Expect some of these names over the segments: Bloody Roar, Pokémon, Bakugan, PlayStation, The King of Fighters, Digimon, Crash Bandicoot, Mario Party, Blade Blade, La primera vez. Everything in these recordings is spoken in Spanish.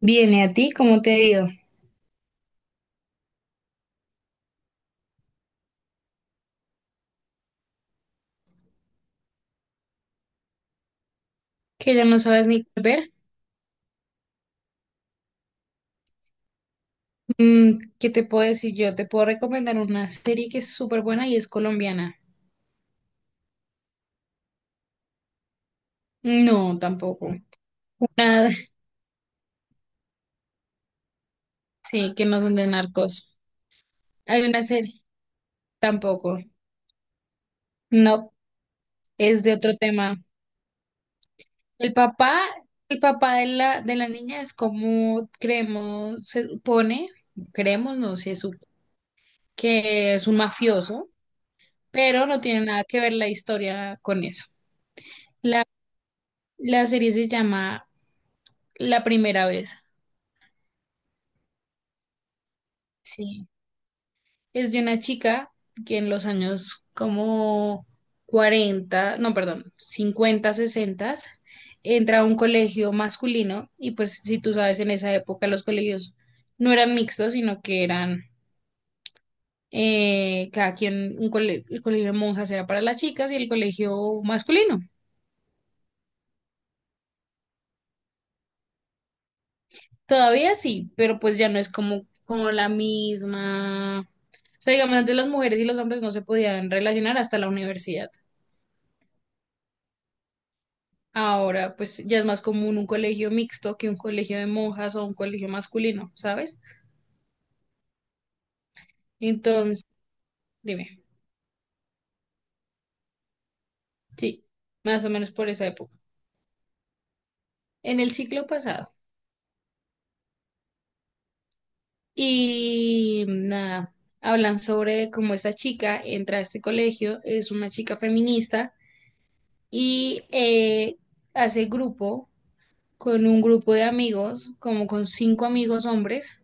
Viene a ti, cómo te ha ido que ya no sabes ni qué ver. ¿Qué te puedo decir yo? Te puedo recomendar una serie que es súper buena y es colombiana. No, tampoco. Nada, sí, que no son de narcos. Hay una serie, tampoco. No, es de otro tema. El papá, el papá de la niña es como creemos, se supone, creemos, no sé, que es un mafioso, pero no tiene nada que ver la historia con eso. La serie se llama La primera vez, sí. Es de una chica que en los años como 40 no, perdón, 50 60, entra a un colegio masculino y pues si tú sabes, en esa época los colegios no eran mixtos, sino que eran cada quien, el colegio de monjas era para las chicas y el colegio masculino. Todavía sí, pero pues ya no es como la misma. O sea, digamos, antes las mujeres y los hombres no se podían relacionar hasta la universidad. Ahora, pues ya es más común un colegio mixto que un colegio de monjas o un colegio masculino, ¿sabes? Entonces, dime, sí, más o menos por esa época, en el siglo pasado. Y nada, hablan sobre cómo esta chica entra a este colegio, es una chica feminista y hace grupo con un grupo de amigos, como con cinco amigos hombres.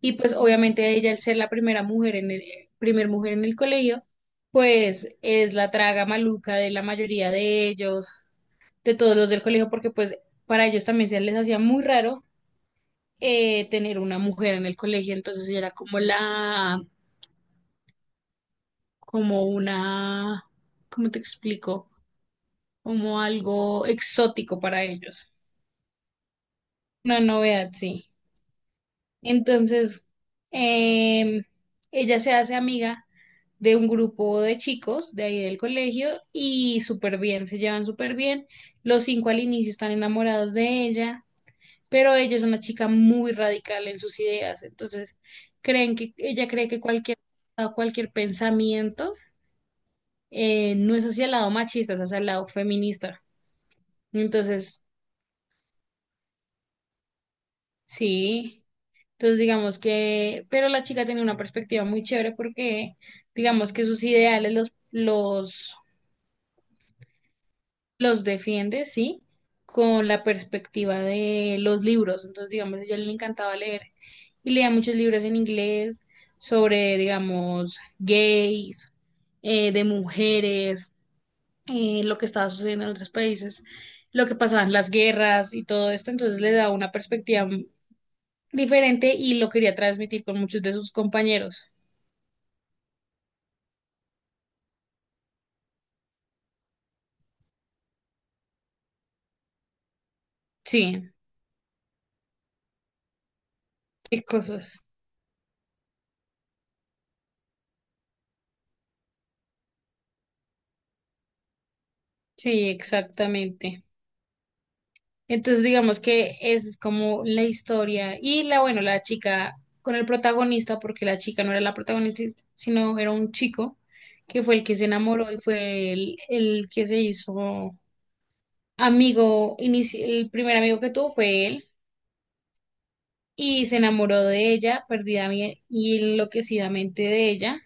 Y pues obviamente ella, al ser la primera mujer en el, primer mujer en el colegio, pues es la traga maluca de la mayoría de ellos, de todos los del colegio, porque pues para ellos también se les hacía muy raro tener una mujer en el colegio, entonces ella era como la, como una, ¿cómo te explico? Como algo exótico para ellos, una novedad, sí. Entonces, em, ella se hace amiga de un grupo de chicos de ahí del colegio y súper bien, se llevan súper bien. Los cinco al inicio están enamorados de ella, pero ella es una chica muy radical en sus ideas, entonces creen que ella cree que cualquier pensamiento no es hacia el lado machista, es hacia el lado feminista. Entonces, sí. Entonces, digamos que, pero la chica tiene una perspectiva muy chévere porque, digamos que sus ideales los defiende, sí, con la perspectiva de los libros. Entonces, digamos, a ella le encantaba leer y leía muchos libros en inglés sobre, digamos, gays, de mujeres, lo que estaba sucediendo en otros países, lo que pasaban las guerras y todo esto. Entonces, le daba una perspectiva diferente y lo quería transmitir con muchos de sus compañeros. Sí, qué cosas. Sí, exactamente. Entonces, digamos que esa es como la historia. Y la, bueno, la chica con el protagonista, porque la chica no era la protagonista, sino era un chico que fue el que se enamoró y fue el que se hizo amigo, el primer amigo que tuvo fue él y se enamoró de ella perdida y enloquecidamente de ella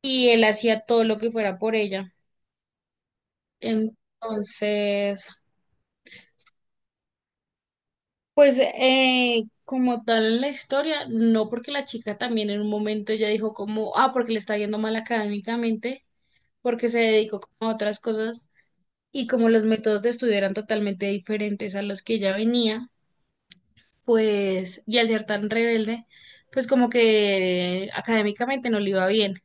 y él hacía todo lo que fuera por ella. Entonces, pues como tal la historia, no porque la chica también en un momento ya dijo como, ah, porque le está yendo mal académicamente, porque se dedicó como a otras cosas y como los métodos de estudio eran totalmente diferentes a los que ella venía, pues, y al ser tan rebelde, pues como que académicamente no le iba bien.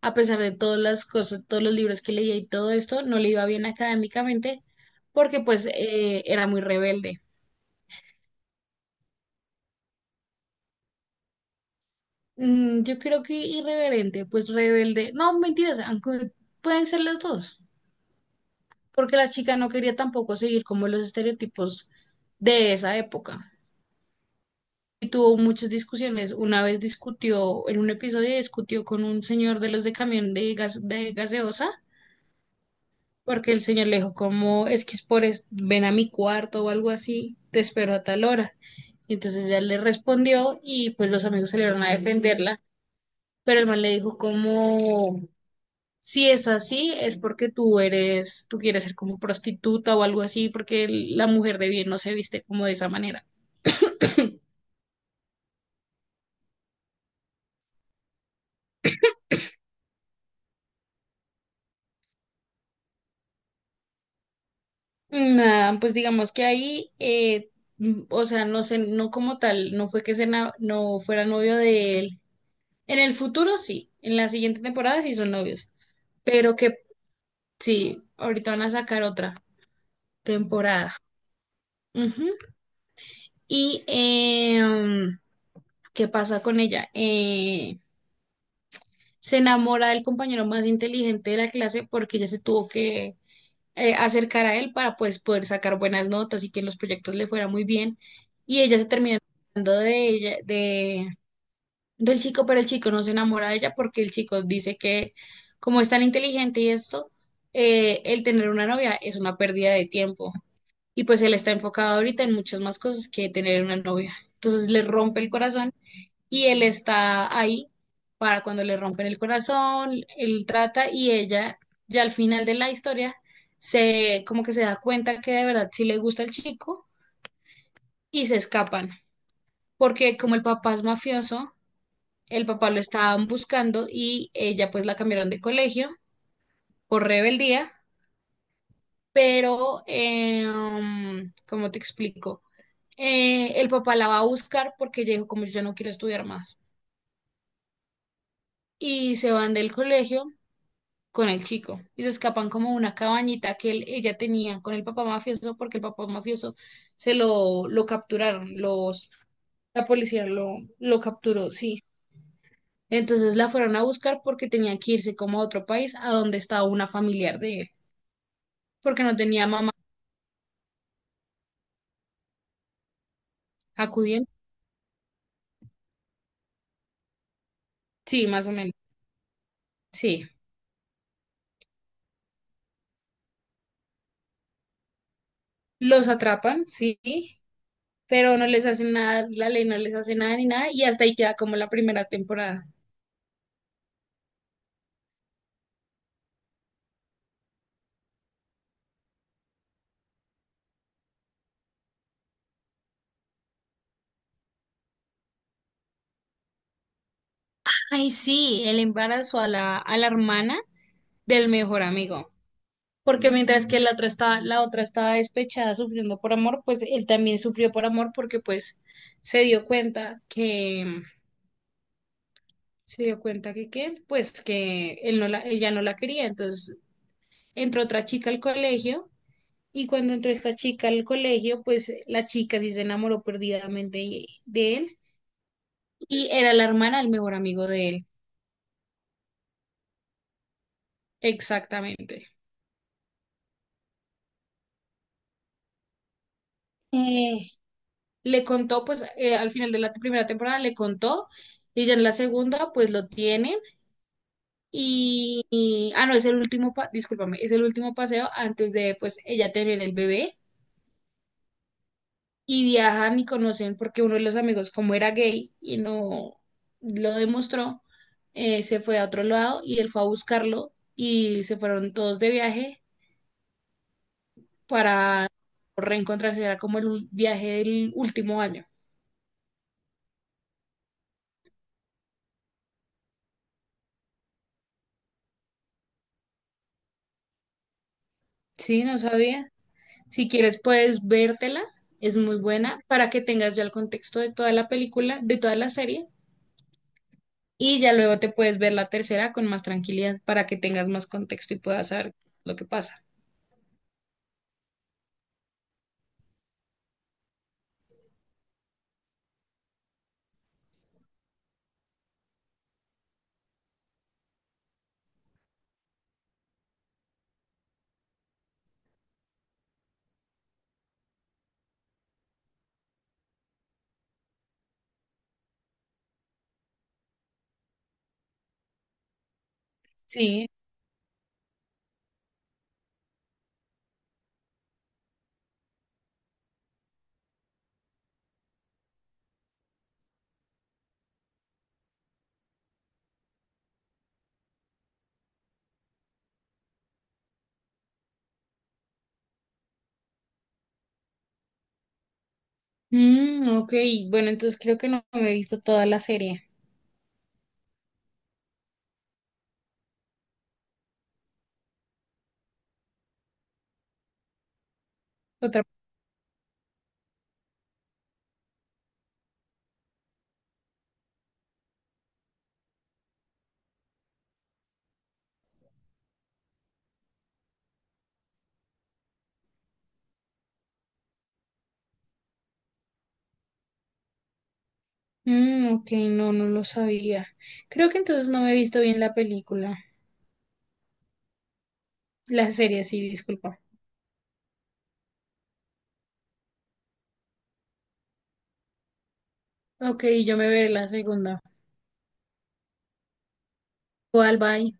A pesar de todas las cosas, todos los libros que leía y todo esto, no le iba bien académicamente porque pues era muy rebelde. Yo creo que irreverente, pues rebelde. No, mentiras, aunque pueden ser las dos, porque la chica no quería tampoco seguir como los estereotipos de esa época. Y tuvo muchas discusiones. Una vez discutió, en un episodio discutió con un señor de los de camión de gas, de gaseosa, porque el señor le dijo como, es que es por, ven a mi cuarto o algo así, te espero a tal hora. Y entonces ella le respondió y pues los amigos salieron a defenderla, pero el man le dijo como... Si es así, es porque tú eres, tú quieres ser como prostituta o algo así, porque la mujer de bien no se viste como de esa manera. Nada, pues digamos que ahí, o sea, no sé, no como tal, no fue que no fuera novio de él. En el futuro sí, en la siguiente temporada sí son novios, pero que sí, ahorita van a sacar otra temporada. Ujú. Y ¿qué pasa con ella? Se enamora del compañero más inteligente de la clase porque ella se tuvo que acercar a él para pues, poder sacar buenas notas y que en los proyectos le fuera muy bien. Y ella se termina enamorando de ella, de, del chico, pero el chico no se enamora de ella porque el chico dice que como es tan inteligente y esto, el tener una novia es una pérdida de tiempo. Y pues él está enfocado ahorita en muchas más cosas que tener una novia. Entonces le rompe el corazón y él está ahí para cuando le rompen el corazón, él trata y ella ya al final de la historia se como que se da cuenta que de verdad sí le gusta el chico y se escapan, porque como el papá es mafioso, el papá lo estaban buscando y ella pues la cambiaron de colegio por rebeldía, pero como ¿cómo te explico? El papá la va a buscar porque ella dijo como yo ya no quiero estudiar más y se van del colegio con el chico y se escapan como a una cabañita que ella tenía con el papá mafioso porque el papá mafioso se lo capturaron, los, la policía lo capturó, sí. Entonces la fueron a buscar porque tenía que irse como a otro país a donde estaba una familiar de él, porque no tenía mamá acudiendo. Sí, más o menos, sí. Los atrapan, sí, pero no les hacen nada, la ley no les hace nada ni nada y hasta ahí queda como la primera temporada. Ay, sí, él embarazó a la, hermana del mejor amigo. Porque mientras que la otra estaba despechada sufriendo por amor, pues él también sufrió por amor porque pues se dio cuenta que, se dio cuenta que qué, pues que él no la, ella no la quería. Entonces entró otra chica al colegio y cuando entró esta chica al colegio, pues la chica sí se enamoró perdidamente de él y era la hermana del mejor amigo de él. Exactamente. Eh, Le contó, pues al final de la primera temporada le contó y ya en la segunda, pues lo tiene. Ah, no, es el último, discúlpame, es el último paseo antes de, pues, ella tener el bebé. Y viajan y conocen porque uno de los amigos, como era gay y no lo demostró, se fue a otro lado y él fue a buscarlo y se fueron todos de viaje para reencontrarse. Era como el viaje del último año. Sí, no sabía. Si quieres, puedes vértela. Es muy buena para que tengas ya el contexto de toda la película, de toda la serie. Y ya luego te puedes ver la tercera con más tranquilidad para que tengas más contexto y puedas saber lo que pasa. Sí. Ok, bueno, entonces creo que no me he visto toda la serie. Otra. Ok, no, no lo sabía. Creo que entonces no me he visto bien la película. La serie, sí, disculpa. Ok, yo me veré la segunda. ¿Cuál, bye?